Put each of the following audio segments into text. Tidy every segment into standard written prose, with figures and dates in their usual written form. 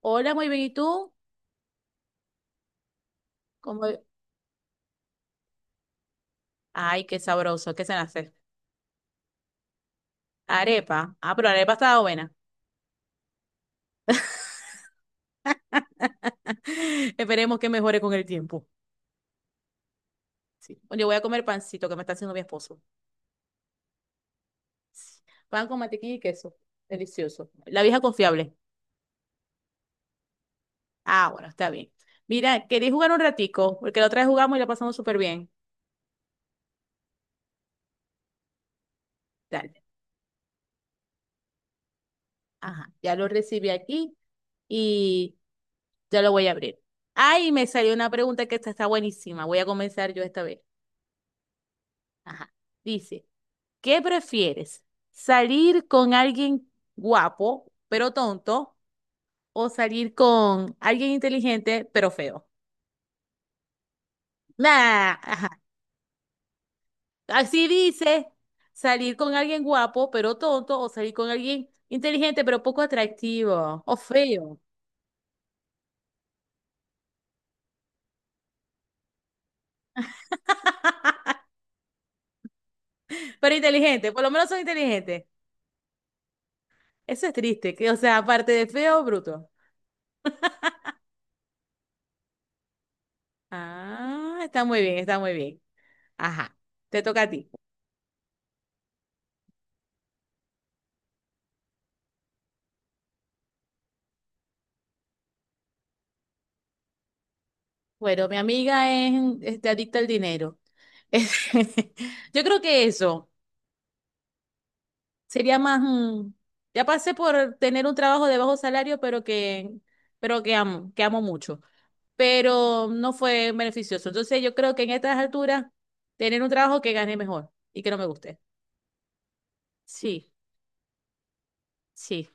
Hola, muy bien. ¿Y tú? ¿Cómo- Ay, qué sabroso. ¿Qué se hace? Arepa. Ah, pero la arepa estaba buena. Esperemos que mejore con el tiempo. Sí. Yo voy a comer pancito que me está haciendo mi esposo. Pan con mantequilla y queso. Delicioso. La vieja confiable. Ah, bueno, está bien. Mira, quería jugar un ratico, porque la otra vez jugamos y la pasamos súper bien. Dale. Ajá. Ya lo recibí aquí y ya lo voy a abrir. Ay, me salió una pregunta que esta está buenísima. Voy a comenzar yo esta vez. Ajá. Dice. ¿Qué prefieres? ¿Salir con alguien guapo pero tonto o salir con alguien inteligente pero feo? Nah, ajá. Así dice, salir con alguien guapo pero tonto o salir con alguien inteligente pero poco atractivo o feo, pero inteligente, por lo menos son inteligentes. Eso es triste, que o sea, aparte de feo, bruto. Ah, está muy bien, está muy bien. Ajá, te toca a ti. Bueno, mi amiga es este, adicta al dinero. Yo creo que eso sería más. Ya pasé por tener un trabajo de bajo salario, pero que amo, que amo mucho. Pero no fue beneficioso. Entonces yo creo que en estas alturas, tener un trabajo que gane mejor y que no me guste. Sí, sí.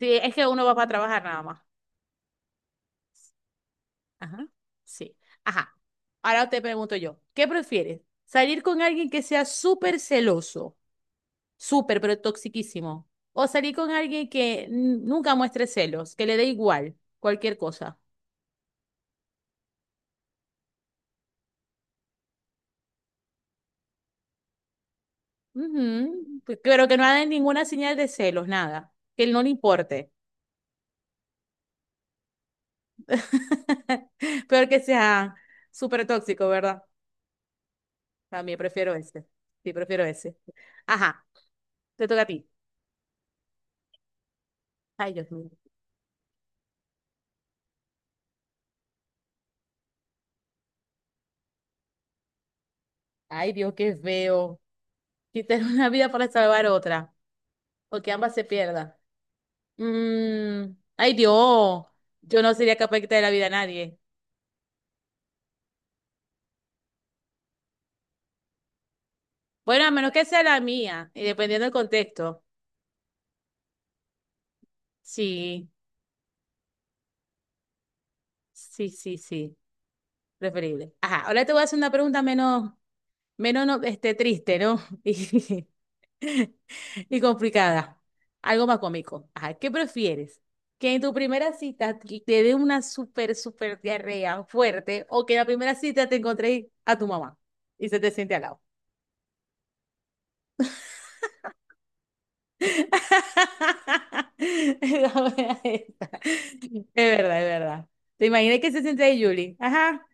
Sí, es que uno va para trabajar nada más. Ajá. Sí. Ajá. Ahora te pregunto yo, ¿qué prefieres? ¿Salir con alguien que sea súper celoso? Súper, pero toxiquísimo. O salir con alguien que nunca muestre celos, que le dé igual cualquier cosa. Ujú, pero que no haga ninguna señal de celos, nada. Que él no le importe. Pero que sea súper tóxico, ¿verdad? También prefiero ese. Sí, prefiero ese. Ajá, te toca a ti. Ay, Dios mío. Ay, Dios, qué feo. Quitar una vida para salvar otra. O que ambas se pierdan. Mm, ay Dios, yo no sería capaz de quitarle la vida a nadie. Bueno, a menos que sea la mía, y dependiendo del contexto. Sí, sí, sí, sí, preferible. Ajá, ahora te voy a hacer una pregunta menos, menos no, este, triste, ¿no? Y, y complicada. Algo más cómico. Ajá, ¿qué prefieres? ¿Que en tu primera cita te dé una súper, súper diarrea fuerte o que en la primera cita te encontréis a tu mamá y se te siente al lado? Esa buena esa. Es verdad, es verdad. Te imaginé que se siente de Julie. Ajá.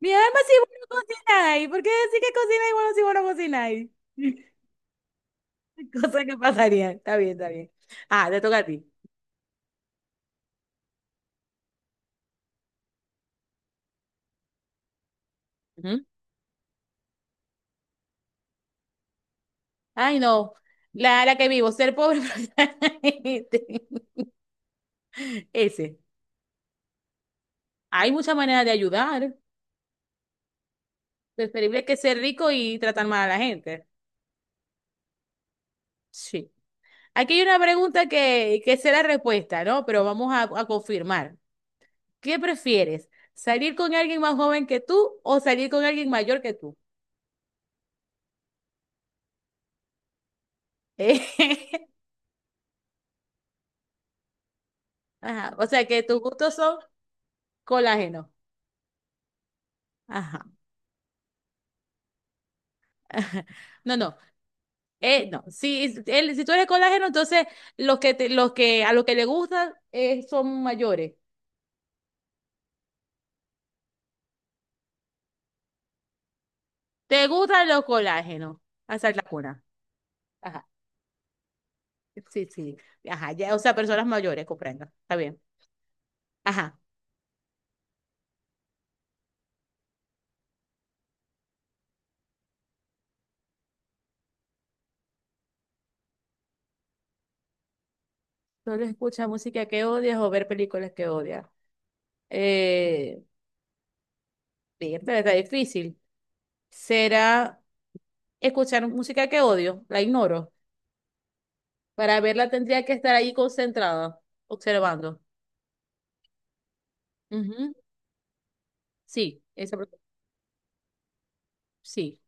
Mi alma si vos no cocináis. ¿Por qué decís que cocináis bueno si vos no cocináis? Cosas que pasarían. Está bien, está bien. Ah, te toca a ti. Ujú. Ay, no. La que vivo, ser pobre. pero- Ese. Hay muchas maneras de ayudar. Preferible que ser rico y tratar mal a la gente. Sí. Aquí hay una pregunta que será respuesta, ¿no? Pero vamos a confirmar. ¿Qué prefieres? ¿Salir con alguien más joven que tú o salir con alguien mayor que tú? Ajá, o sea que tus gustos son colágeno. Ajá. No, no. No. Si, si tú eres colágeno, entonces los que a los que le gustan son mayores. ¿Te gustan los colágenos? Esa es la cuna. Ajá. Sí, sí. Ajá. Ya, o sea, personas mayores, comprendo. Está bien. Ajá. Solo escucha música que odias o ver películas que odias. Eh, Bien, pero está difícil. Será escuchar música que odio, la ignoro. Para verla tendría que estar ahí concentrada, observando. Ujú, sí, esa, sí.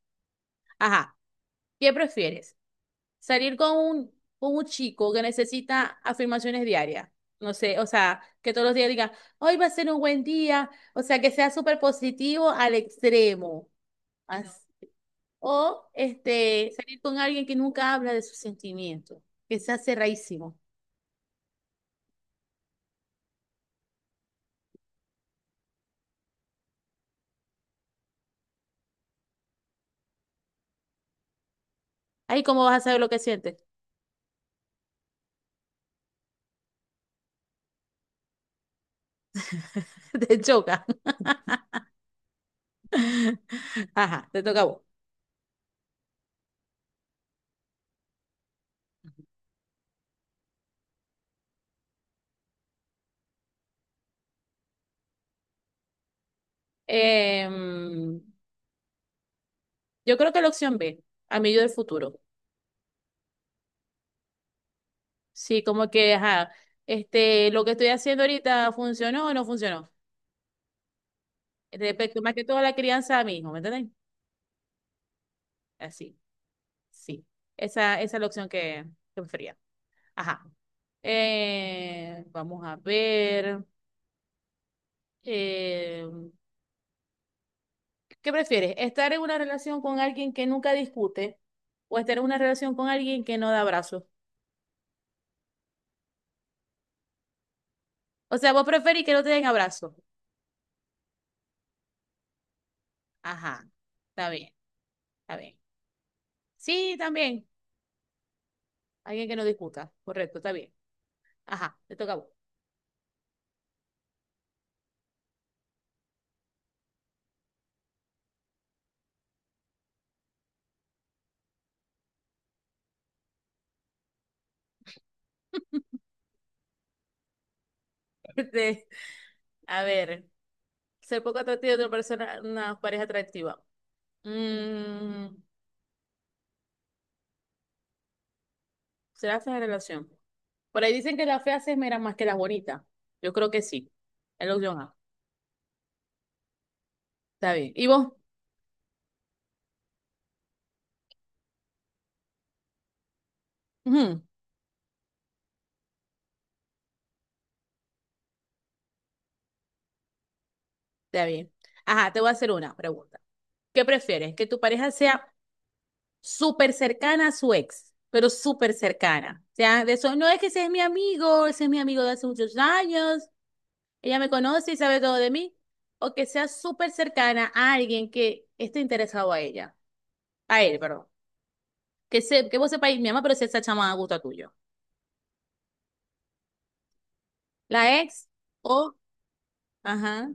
Ajá. ¿Qué prefieres? ¿Salir con un chico que necesita afirmaciones diarias? No sé, o sea, que todos los días diga, hoy va a ser un buen día, o sea, que sea súper positivo al extremo. As- O este, salir con alguien que nunca habla de sus sentimientos, que sea cerradísimo. Ahí, ¿cómo vas a saber lo que sientes? Te choca. Ajá, te toca a vos. Em, yo creo que la opción B, amigo del futuro. Sí, como que, ajá, este, lo que estoy haciendo ahorita funcionó o no funcionó. Respecto más que todo a la crianza a mi hijo, ¿me entendés? Así, sí. Esa es la opción que prefería. Ajá. Vamos a ver. eh, ¿Qué prefieres? ¿Estar en una relación con alguien que nunca discute o estar en una relación con alguien que no da abrazos? O sea, vos preferís que no te den abrazo. Ajá, está bien, está bien. Sí, también. Alguien que no discuta. Correcto, está bien. Ajá, te toca a vos. Este, a ver, ser poco atractivo de una persona, una pareja atractiva. Mm, ¿será fea la relación? Por ahí dicen que las feas se esmeran más que las bonitas. Yo creo que sí. Es la opción A. Está bien. ¿Y vos? Ujú, está bien. Ajá, te voy a hacer una pregunta. ¿Qué prefieres? ¿Que tu pareja sea súper cercana a su ex, pero súper cercana? O sea, de eso, no es que ese es mi amigo, ese es mi amigo de hace muchos años, ella me conoce y sabe todo de mí, o que sea súper cercana a alguien que esté interesado a ella, a él, perdón. Que, se, que vos sepáis, mi mamá, pero si esa chama a gusto tuyo. La ex, o, ajá,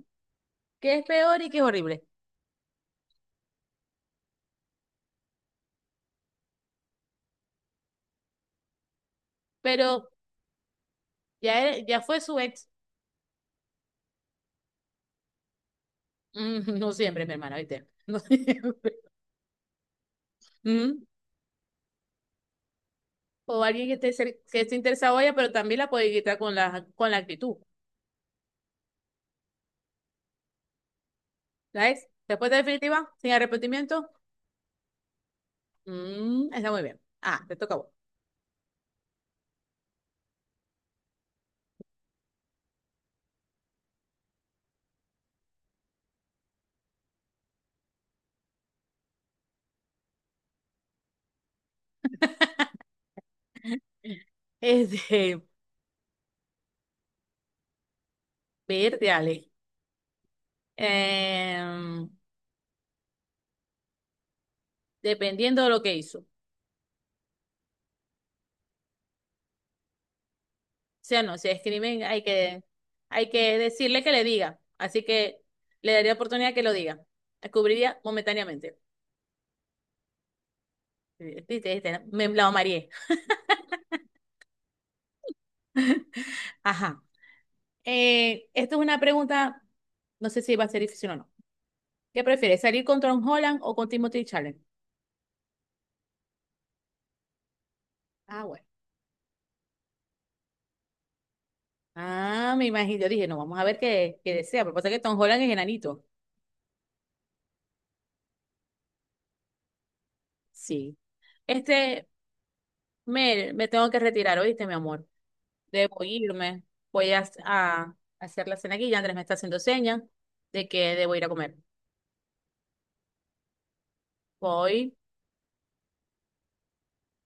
que es peor y que es horrible. Pero ya, ya fue su ex. Mm, no siempre, mi hermana, ¿viste? No siempre. Mm. O alguien que esté, que esté interesado en ella, pero también la puede quitar con la actitud. ¿Sabes? Respuesta definitiva, sin arrepentimiento. Mm, está muy bien. Ah, te toca a vos. Es de verde, Ale. Em, Dependiendo de lo que hizo. Si o sea, no, si es crimen, hay que decirle que le diga. Así que le daría oportunidad que lo diga. La cubriría momentáneamente. Viste, viste, me la mareé. Ajá. Esto es una pregunta, no sé si va a ser difícil o no. ¿Qué prefieres, salir con Tom Holland o con Timothy Challenge? Ah, bueno. Ah, me imagino. Yo dije, no, vamos a ver qué, qué desea. Pero pasa que Tom Holland es enanito. Sí. Este, Mel, me tengo que retirar, ¿oíste, mi amor? Debo irme. Voy a hacer la cena aquí. Ya Andrés me está haciendo señas de que debo ir a comer. Voy.